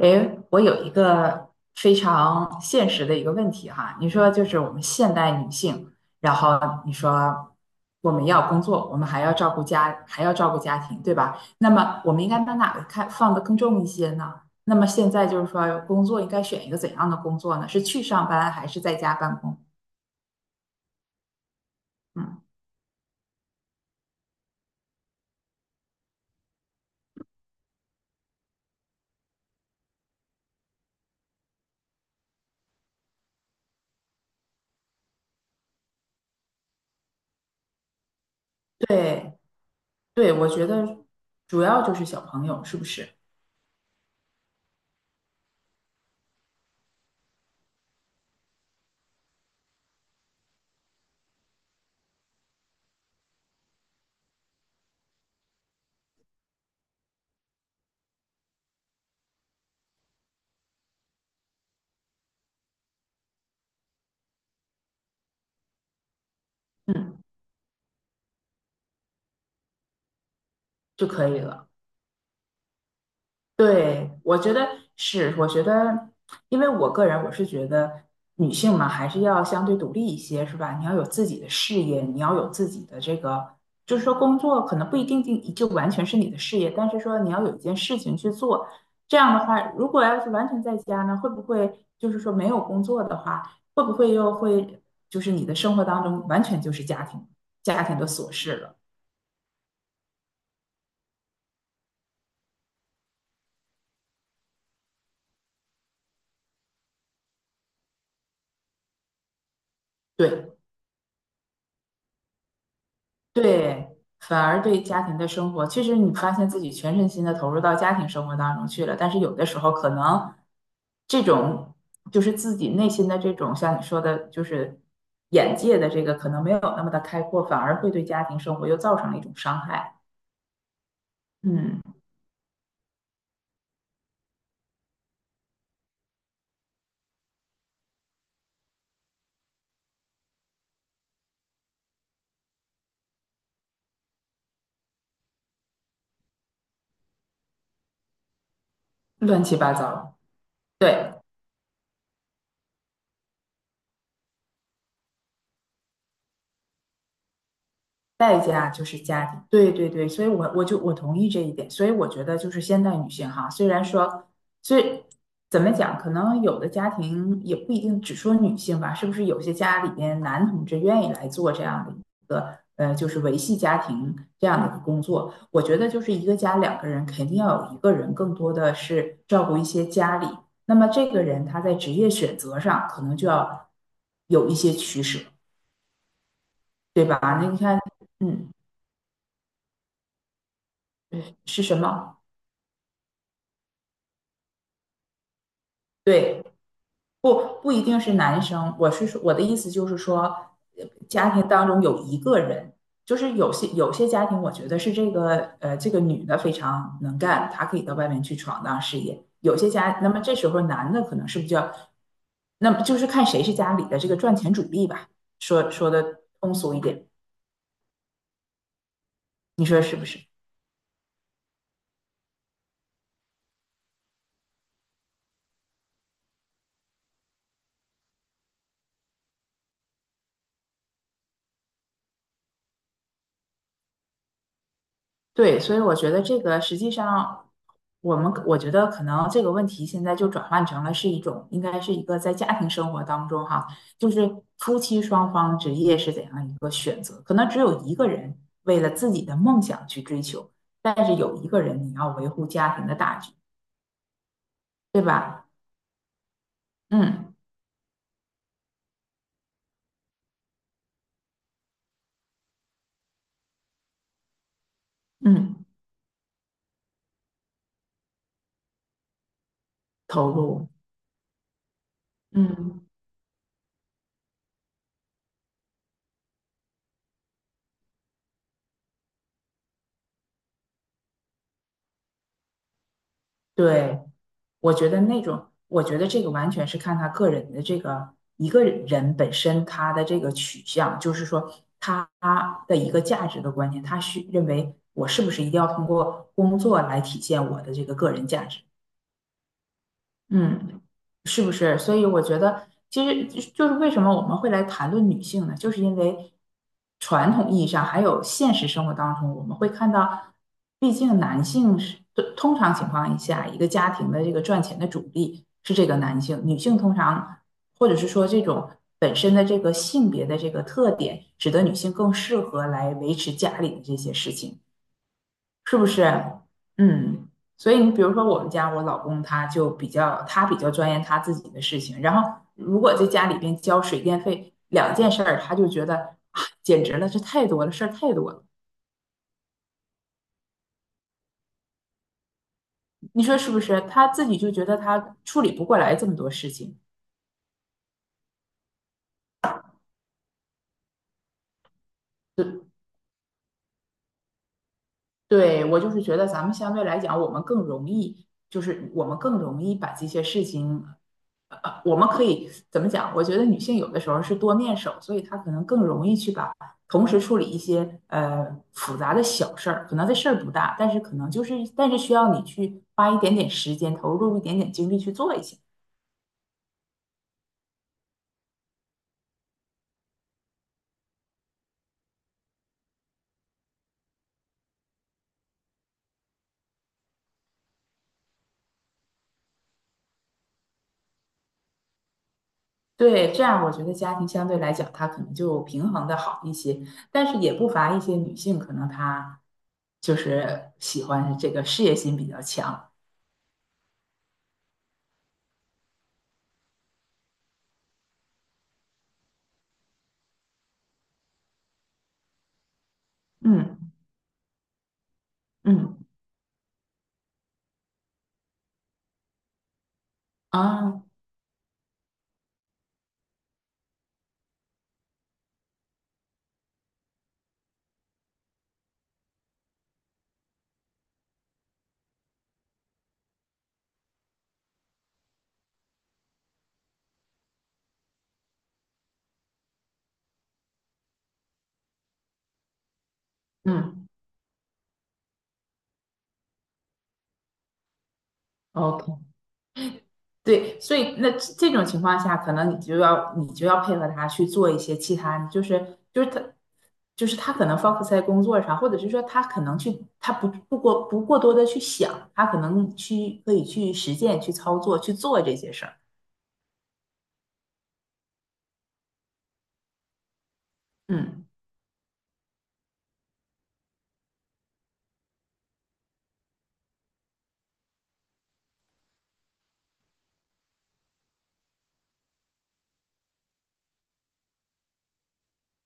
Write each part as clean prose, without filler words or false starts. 诶，我有一个非常现实的一个问题哈，你说就是我们现代女性，然后你说我们要工作，我们还要照顾家，还要照顾家庭，对吧？那么我们应该把哪个看放得更重一些呢？那么现在就是说，工作应该选一个怎样的工作呢？是去上班还是在家办公？嗯，对对，我觉得主要就是小朋友是不是？嗯，就可以了。对，我觉得是，我觉得，因为我个人我是觉得女性嘛，还是要相对独立一些，是吧？你要有自己的事业，你要有自己的这个，就是说工作可能不一定就完全是你的事业，但是说你要有一件事情去做。这样的话，如果要是完全在家呢，会不会就是说没有工作的话，会不会又会就是你的生活当中完全就是家庭，家庭的琐事了？对，对，反而对家庭的生活，其实你发现自己全身心的投入到家庭生活当中去了，但是有的时候可能这种就是自己内心的这种，像你说的，就是眼界的这个可能没有那么的开阔，反而会对家庭生活又造成了一种伤害，嗯，乱七八糟，对。代价就是家庭，对对对，所以我就我同意这一点，所以我觉得就是现代女性哈，虽然说，所以怎么讲，可能有的家庭也不一定只说女性吧，是不是有些家里边男同志愿意来做这样的一个就是维系家庭这样的一个工作？我觉得就是一个家两个人肯定要有一个人更多的是照顾一些家里，那么这个人他在职业选择上可能就要有一些取舍，对吧？那你看，嗯。嗯是是什么？对，不一定是男生。我是说，我的意思就是说，家庭当中有一个人，就是有些家庭，我觉得是这个这个女的非常能干，她可以到外面去闯荡事业。有些家，那么这时候男的可能是比较，那么就是看谁是家里的这个赚钱主力吧。说的通俗一点，你说是不是？对，所以我觉得这个实际上，我觉得可能这个问题现在就转换成了是一种，应该是一个在家庭生活当中哈，就是夫妻双方职业是怎样一个选择，可能只有一个人为了自己的梦想去追求，但是有一个人你要维护家庭的大局，对吧？嗯嗯，投入，嗯。对，我觉得那种，我觉得这个完全是看他个人的这个一个人本身他的这个取向，就是说他的一个价值的观念，他需认为我是不是一定要通过工作来体现我的这个个人价值？嗯，是不是？所以我觉得，其实就是为什么我们会来谈论女性呢？就是因为传统意义上，还有现实生活当中，我们会看到，毕竟男性是通常情况下，一个家庭的这个赚钱的主力是这个男性，女性通常或者是说这种本身的这个性别的这个特点，使得女性更适合来维持家里的这些事情。是不是？嗯，所以你比如说我们家我老公他就比较他比较钻研他自己的事情，然后如果在家里边交水电费两件事儿，他就觉得啊，简直了，这太多了，事儿太多了，你说是不是？他自己就觉得他处理不过来这么多事情。对，对，我就是觉得咱们相对来讲，我们更容易把这些事情我们可以怎么讲？我觉得女性有的时候是多面手，所以她可能更容易去把同时处理一些复杂的小事儿，可能这事儿不大，但是可能就是但是需要你去花一点点时间，投入一点点精力去做一些。对，这样我觉得家庭相对来讲，它可能就平衡的好一些，但是也不乏一些女性，可能她就是喜欢这个事业心比较强。嗯嗯啊嗯，OK。对，所以那这种情况下，可能你就要配合他去做一些其他，就是他他可能 focus 在工作上，或者是说他可能去他不过多的去想，他可能去可以去实践、去操作、去做这些事儿。嗯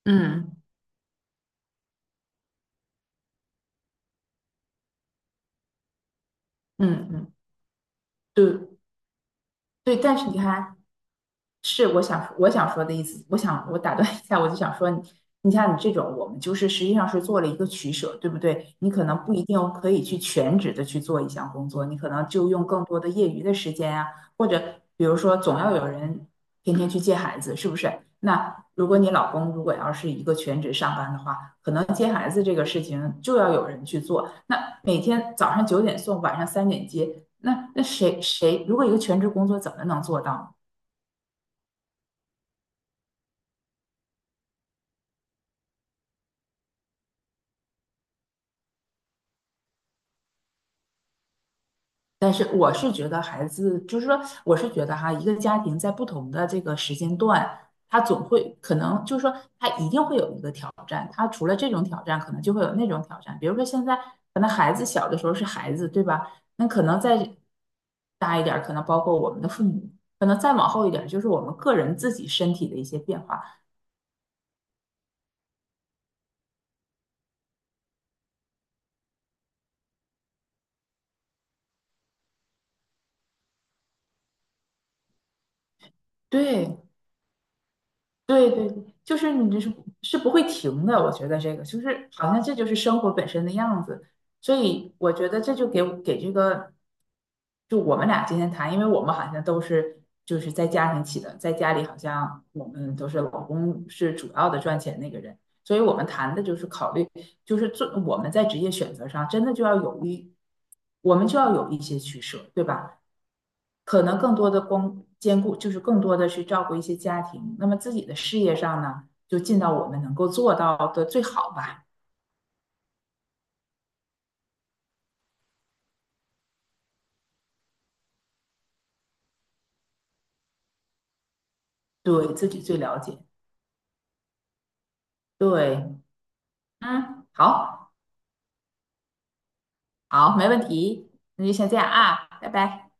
嗯嗯嗯，对对。但是你看，是我想说的意思，我想我打断一下，我就想说你，你像你这种，我们就是实际上是做了一个取舍，对不对？你可能不一定可以去全职的去做一项工作，你可能就用更多的业余的时间啊，或者比如说总要有人天天去接孩子，是不是？那如果你老公如果要是一个全职上班的话，可能接孩子这个事情就要有人去做，那每天早上9点送，晚上3点接，那那如果一个全职工作怎么能做到呢？但是我是觉得孩子，就是说，我是觉得哈，一个家庭在不同的这个时间段，他总会可能就是说，他一定会有一个挑战。他除了这种挑战，可能就会有那种挑战。比如说现在可能孩子小的时候是孩子，对吧？那可能再大一点儿可能包括我们的父母，可能再往后一点儿就是我们个人自己身体的一些变化。对，对对对，就是你这是是不会停的，我觉得这个就是好像这就是生活本身的样子，所以我觉得这就给这个，就我们俩今天谈，因为我们好像都是就是在家庭起的，在家里好像我们都是老公是主要的赚钱那个人，所以我们谈的就是考虑，就是做我们在职业选择上真的就要有一，我们就要有一些取舍，对吧？可能更多的光兼顾，就是更多的去照顾一些家庭。那么自己的事业上呢，就尽到我们能够做到的最好吧，对自己最了解。对，嗯，好，好，没问题，那就先这样啊，拜拜。